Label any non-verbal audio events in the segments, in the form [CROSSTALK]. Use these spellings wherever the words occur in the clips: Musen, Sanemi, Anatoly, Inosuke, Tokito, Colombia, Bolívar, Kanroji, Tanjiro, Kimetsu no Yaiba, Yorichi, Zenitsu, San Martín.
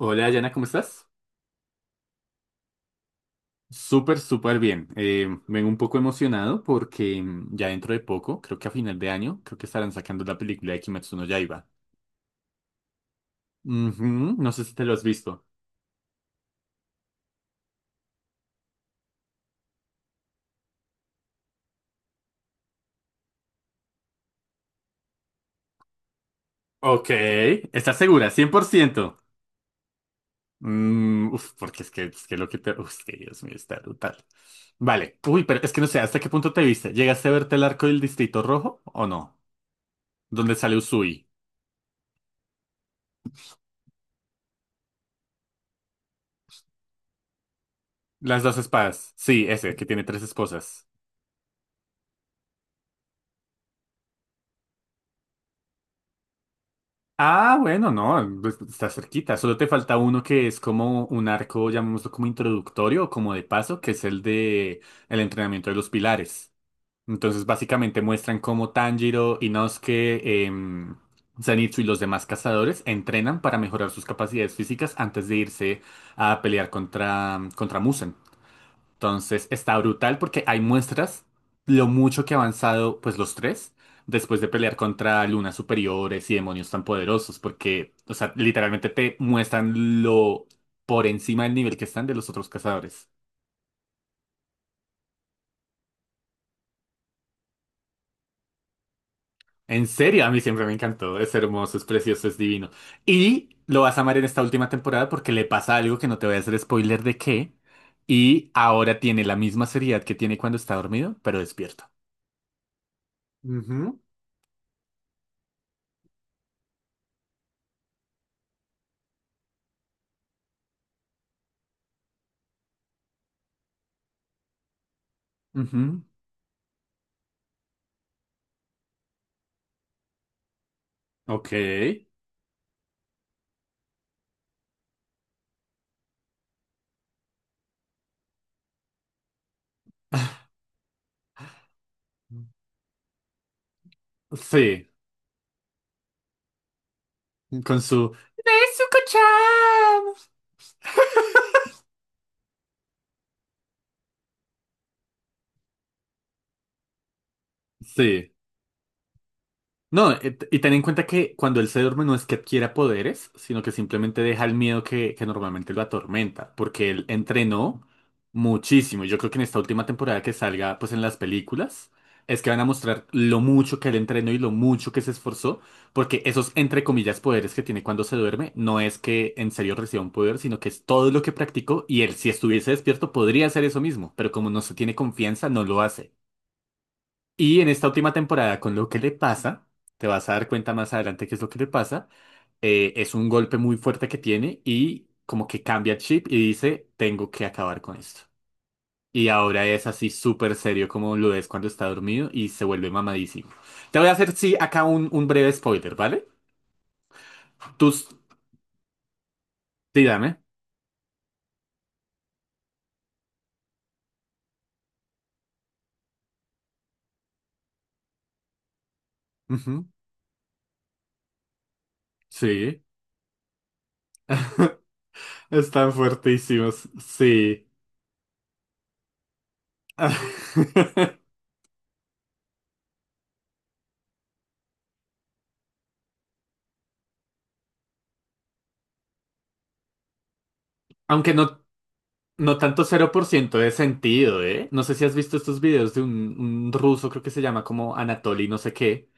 Hola, Yana, ¿cómo estás? Súper, súper bien. Vengo un poco emocionado porque ya dentro de poco, creo que a final de año, creo que estarán sacando la película de Kimetsu no Yaiba. Ujú, no sé si te lo has visto. Ok, ¿estás segura? 100%. Uf, porque es que lo que te... Uf, es que Dios mío, está brutal. Vale. Uy, pero es que no sé, ¿hasta qué punto te viste? ¿Llegaste a verte el arco del Distrito Rojo o no? ¿Dónde sale Usui? Las dos espadas. Sí, ese, que tiene tres esposas. Ah, bueno, no, pues, está cerquita. Solo te falta uno que es como un arco, llamémoslo como introductorio o como de paso, que es el de el entrenamiento de los pilares. Entonces, básicamente muestran cómo Tanjiro, Inosuke, em, Zenitsu y los demás cazadores entrenan para mejorar sus capacidades físicas antes de irse a pelear contra Musen. Entonces está brutal porque hay muestras lo mucho que ha avanzado pues los tres después de pelear contra lunas superiores y demonios tan poderosos porque, o sea, literalmente te muestran lo por encima del nivel que están de los otros cazadores. En serio, a mí siempre me encantó, es hermoso, es precioso, es divino. Y lo vas a amar en esta última temporada porque le pasa algo que no te voy a hacer spoiler de qué y ahora tiene la misma seriedad que tiene cuando está dormido, pero despierto. Ujú. Ujú. Ok. Sí, con su... ¡Es un Sí. No, y ten en cuenta que cuando él se duerme no es que adquiera poderes, sino que simplemente deja el miedo que normalmente lo atormenta, porque él entrenó muchísimo. Yo creo que en esta última temporada que salga, pues en las películas, es que van a mostrar lo mucho que él entrenó y lo mucho que se esforzó, porque esos, entre comillas, poderes que tiene cuando se duerme, no es que en serio reciba un poder, sino que es todo lo que practicó y él, si estuviese despierto, podría hacer eso mismo, pero como no se tiene confianza, no lo hace. Y en esta última temporada, con lo que le pasa, te vas a dar cuenta más adelante qué es lo que le pasa, es un golpe muy fuerte que tiene y como que cambia el chip y dice, tengo que acabar con esto. Y ahora es así súper serio como lo es cuando está dormido y se vuelve mamadísimo. Te voy a hacer, sí, acá un breve spoiler, ¿vale? Tú, dígame. Ujú. Sí. [LAUGHS] Están fuertísimos, sí. [LAUGHS] Aunque no No tanto cero por ciento de sentido, ¿eh? No sé si has visto estos videos de un ruso, creo que se llama como Anatoly, no sé qué,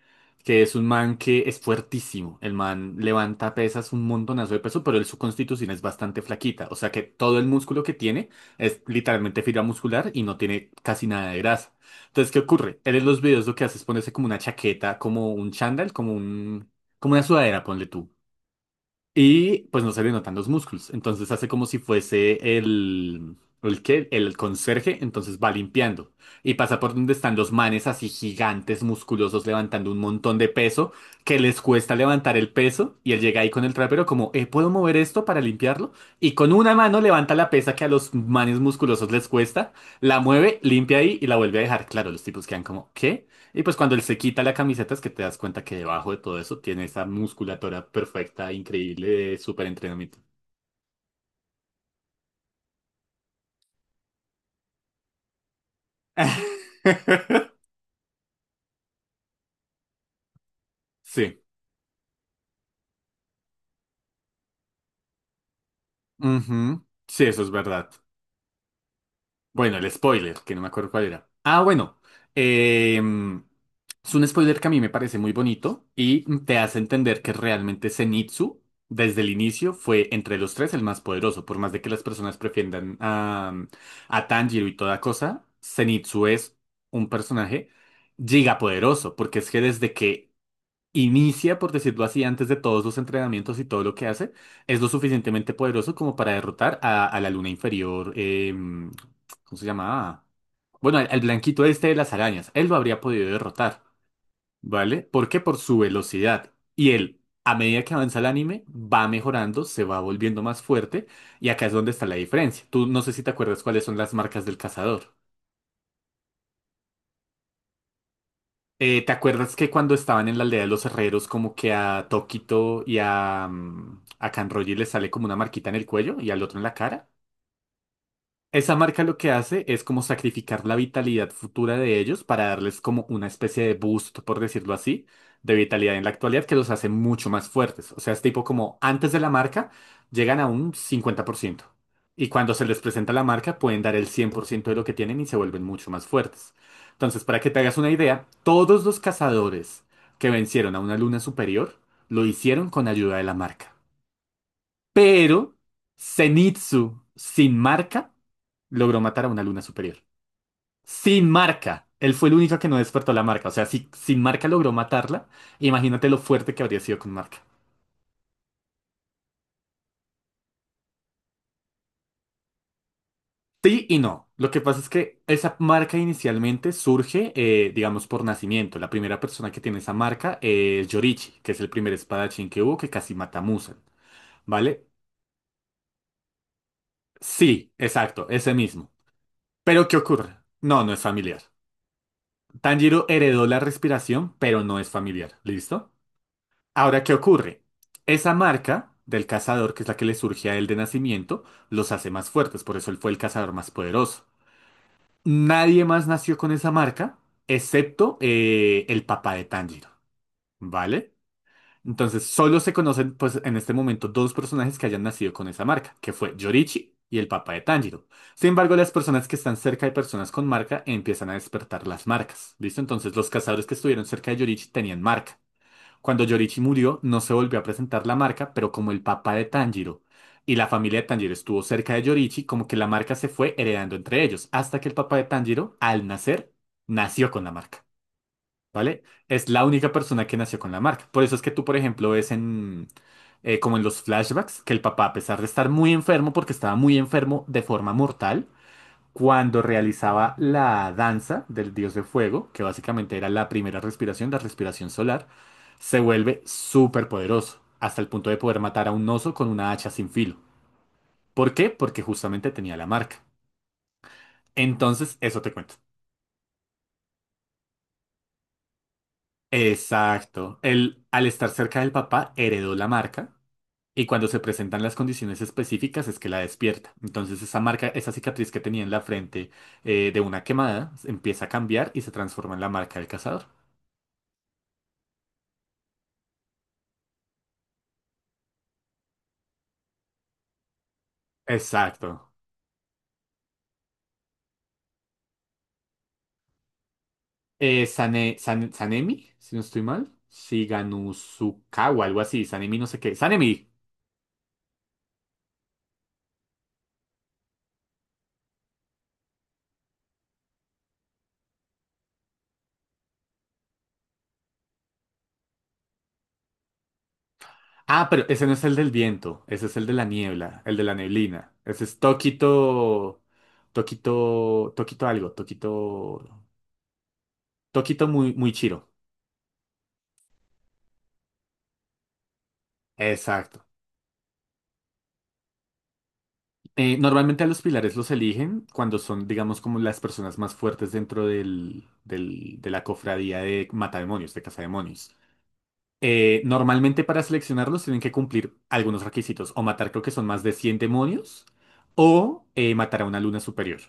que es un man que es fuertísimo. El man levanta pesas un montonazo de peso, pero él, su constitución es bastante flaquita. O sea que todo el músculo que tiene es literalmente fibra muscular y no tiene casi nada de grasa. Entonces, ¿qué ocurre? Él en los videos lo que hace es ponerse como una chaqueta, como un chándal, como un, como una sudadera, ponle tú. Y pues no se le notan los músculos. Entonces hace como si fuese el... ¿El qué? El conserje. Entonces va limpiando. Y pasa por donde están los manes así gigantes, musculosos, levantando un montón de peso, que les cuesta levantar el peso. Y él llega ahí con el trapero como, ¿puedo mover esto para limpiarlo? Y con una mano levanta la pesa que a los manes musculosos les cuesta, la mueve, limpia ahí y la vuelve a dejar. Claro, los tipos quedan como, ¿qué? Y pues cuando él se quita la camiseta es que te das cuenta que debajo de todo eso tiene esa musculatura perfecta, increíble, de súper entrenamiento. [LAUGHS] Sí. Ujú. Sí, eso es verdad. Bueno, el spoiler, que no me acuerdo cuál era. Ah, bueno. em, es un spoiler que a mí me parece muy bonito y te hace entender que realmente Zenitsu, desde el inicio, fue entre los tres el más poderoso. Por más de que las personas prefieran a Tanjiro y toda cosa, Zenitsu es un personaje gigapoderoso, porque es que desde que inicia, por decirlo así, antes de todos los entrenamientos y todo lo que hace, es lo suficientemente poderoso como para derrotar a la luna inferior. ¿Cómo se llamaba? Bueno, al blanquito este de las arañas. Él lo habría podido derrotar, ¿vale? Porque por su velocidad. Y él, a medida que avanza el anime, va mejorando, se va volviendo más fuerte. Y acá es donde está la diferencia. Tú no sé si te acuerdas cuáles son las marcas del cazador. ¿Te acuerdas que cuando estaban en la aldea de los herreros, como que a Toquito y a Kanroji les sale como una marquita en el cuello y al otro en la cara? Esa marca lo que hace es como sacrificar la vitalidad futura de ellos para darles como una especie de boost, por decirlo así, de vitalidad en la actualidad que los hace mucho más fuertes. O sea, es tipo como antes de la marca llegan a un 50%. Y cuando se les presenta la marca pueden dar el 100% de lo que tienen y se vuelven mucho más fuertes. Entonces, para que te hagas una idea, todos los cazadores que vencieron a una luna superior lo hicieron con ayuda de la marca. Pero Zenitsu sin marca logró matar a una luna superior. Sin marca. Él fue el único que no despertó la marca. O sea, si sin marca logró matarla, imagínate lo fuerte que habría sido con marca. Sí y no. Lo que pasa es que esa marca inicialmente surge, digamos, por nacimiento. La primera persona que tiene esa marca es Yorichi, que es el primer espadachín que hubo que casi mata a Muzan. ¿Vale? Sí, exacto, ese mismo. Pero ¿qué ocurre? No, no es familiar. Tanjiro heredó la respiración, pero no es familiar. ¿Listo? Ahora, ¿qué ocurre? Esa marca del cazador, que es la que le surge a él de nacimiento, los hace más fuertes, por eso él fue el cazador más poderoso. Nadie más nació con esa marca, excepto el papá de Tanjiro, ¿vale? Entonces, solo se conocen, pues, en este momento dos personajes que hayan nacido con esa marca, que fue Yorichi y el papá de Tanjiro. Sin embargo, las personas que están cerca de personas con marca empiezan a despertar las marcas, ¿listo? Entonces, los cazadores que estuvieron cerca de Yorichi tenían marca. Cuando Yorichi murió, no se volvió a presentar la marca, pero como el papá de Tanjiro y la familia de Tanjiro estuvo cerca de Yorichi, como que la marca se fue heredando entre ellos, hasta que el papá de Tanjiro, al nacer, nació con la marca, ¿vale? Es la única persona que nació con la marca. Por eso es que tú, por ejemplo, ves como en los flashbacks, que el papá, a pesar de estar muy enfermo, porque estaba muy enfermo de forma mortal, cuando realizaba la danza del dios de fuego, que básicamente era la primera respiración, la respiración solar, se vuelve súper poderoso, hasta el punto de poder matar a un oso con una hacha sin filo. ¿Por qué? Porque justamente tenía la marca. Entonces, eso te cuento. Exacto. Él, al estar cerca del papá, heredó la marca. Y cuando se presentan las condiciones específicas es que la despierta. Entonces esa marca, esa cicatriz que tenía en la frente de una quemada empieza a cambiar y se transforma en la marca del cazador. Exacto. Sanemi, si no estoy mal. Shiganusuka o algo así. Sanemi no sé qué. Sanemi. Ah, pero ese no es el del viento. Ese es el de la niebla. El de la neblina. Ese es Tokito. Tokito. Tokito algo. Tokito. Tokito muy, muy chiro. Exacto. Normalmente a los pilares los eligen cuando son, digamos, como las personas más fuertes dentro de la cofradía de matademonios, de cazademonios. Normalmente para seleccionarlos tienen que cumplir algunos requisitos, o matar creo que son más de 100 demonios, o matar a una luna superior.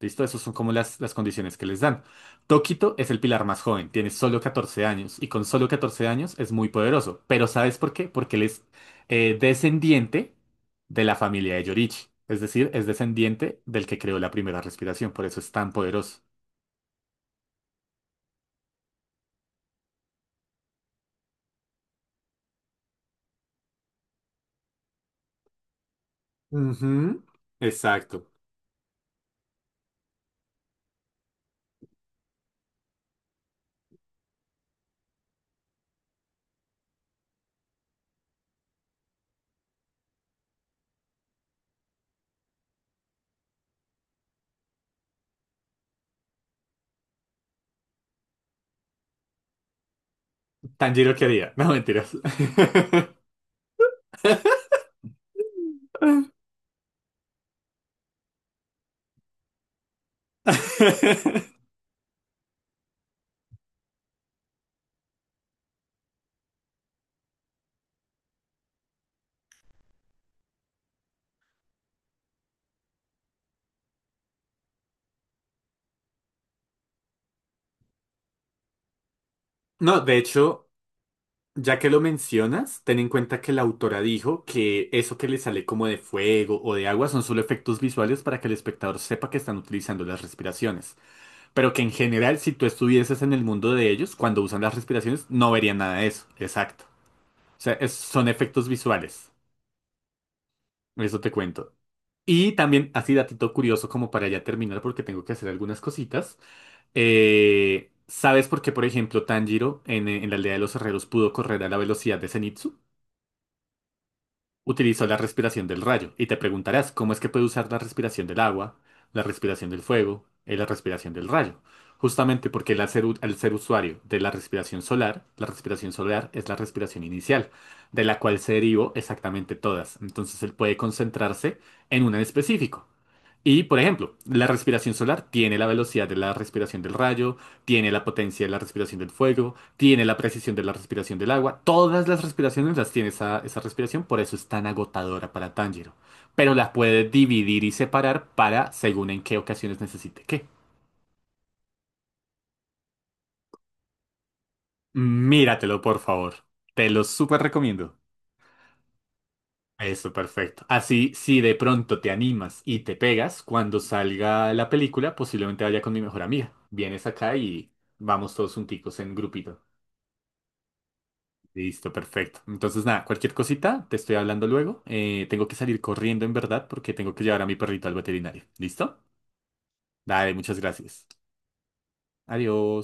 ¿Listo? Esas son como las condiciones que les dan. Tokito es el pilar más joven, tiene solo 14 años, y con solo 14 años es muy poderoso. Pero ¿sabes por qué? Porque él es descendiente de la familia de Yorichi, es decir, es descendiente del que creó la primera respiración, por eso es tan poderoso. Ujú. Exacto. Tanjiro quería, no mentiras. [LAUGHS] [LAUGHS] No, de hecho, ya que lo mencionas, ten en cuenta que la autora dijo que eso que le sale como de fuego o de agua son solo efectos visuales para que el espectador sepa que están utilizando las respiraciones. Pero que en general, si tú estuvieses en el mundo de ellos, cuando usan las respiraciones, no verían nada de eso. Exacto. O sea, son efectos visuales. Eso te cuento. Y también, así datito curioso como para ya terminar, porque tengo que hacer algunas cositas. ¿Sabes por qué, por ejemplo, Tanjiro en la aldea de los herreros pudo correr a la velocidad de Zenitsu? Utilizó la respiración del rayo. Y te preguntarás, ¿cómo es que puede usar la respiración del agua, la respiración del fuego y la respiración del rayo? Justamente porque él al ser, al ser usuario de la respiración solar es la respiración inicial, de la cual se derivó exactamente todas. Entonces él puede concentrarse en una en específico. Y, por ejemplo, la respiración solar tiene la velocidad de la respiración del rayo, tiene la potencia de la respiración del fuego, tiene la precisión de la respiración del agua. Todas las respiraciones las tiene esa, esa respiración, por eso es tan agotadora para Tanjiro. Pero las puede dividir y separar para según en qué ocasiones necesite qué. Míratelo, por favor. Te lo súper recomiendo. Eso, perfecto. Así, si de pronto te animas y te pegas, cuando salga la película, posiblemente vaya con mi mejor amiga. Vienes acá y vamos todos junticos en grupito. Listo, perfecto. Entonces, nada, cualquier cosita, te estoy hablando luego. Tengo que salir corriendo en verdad porque tengo que llevar a mi perrito al veterinario. ¿Listo? Dale, muchas gracias. Adiós.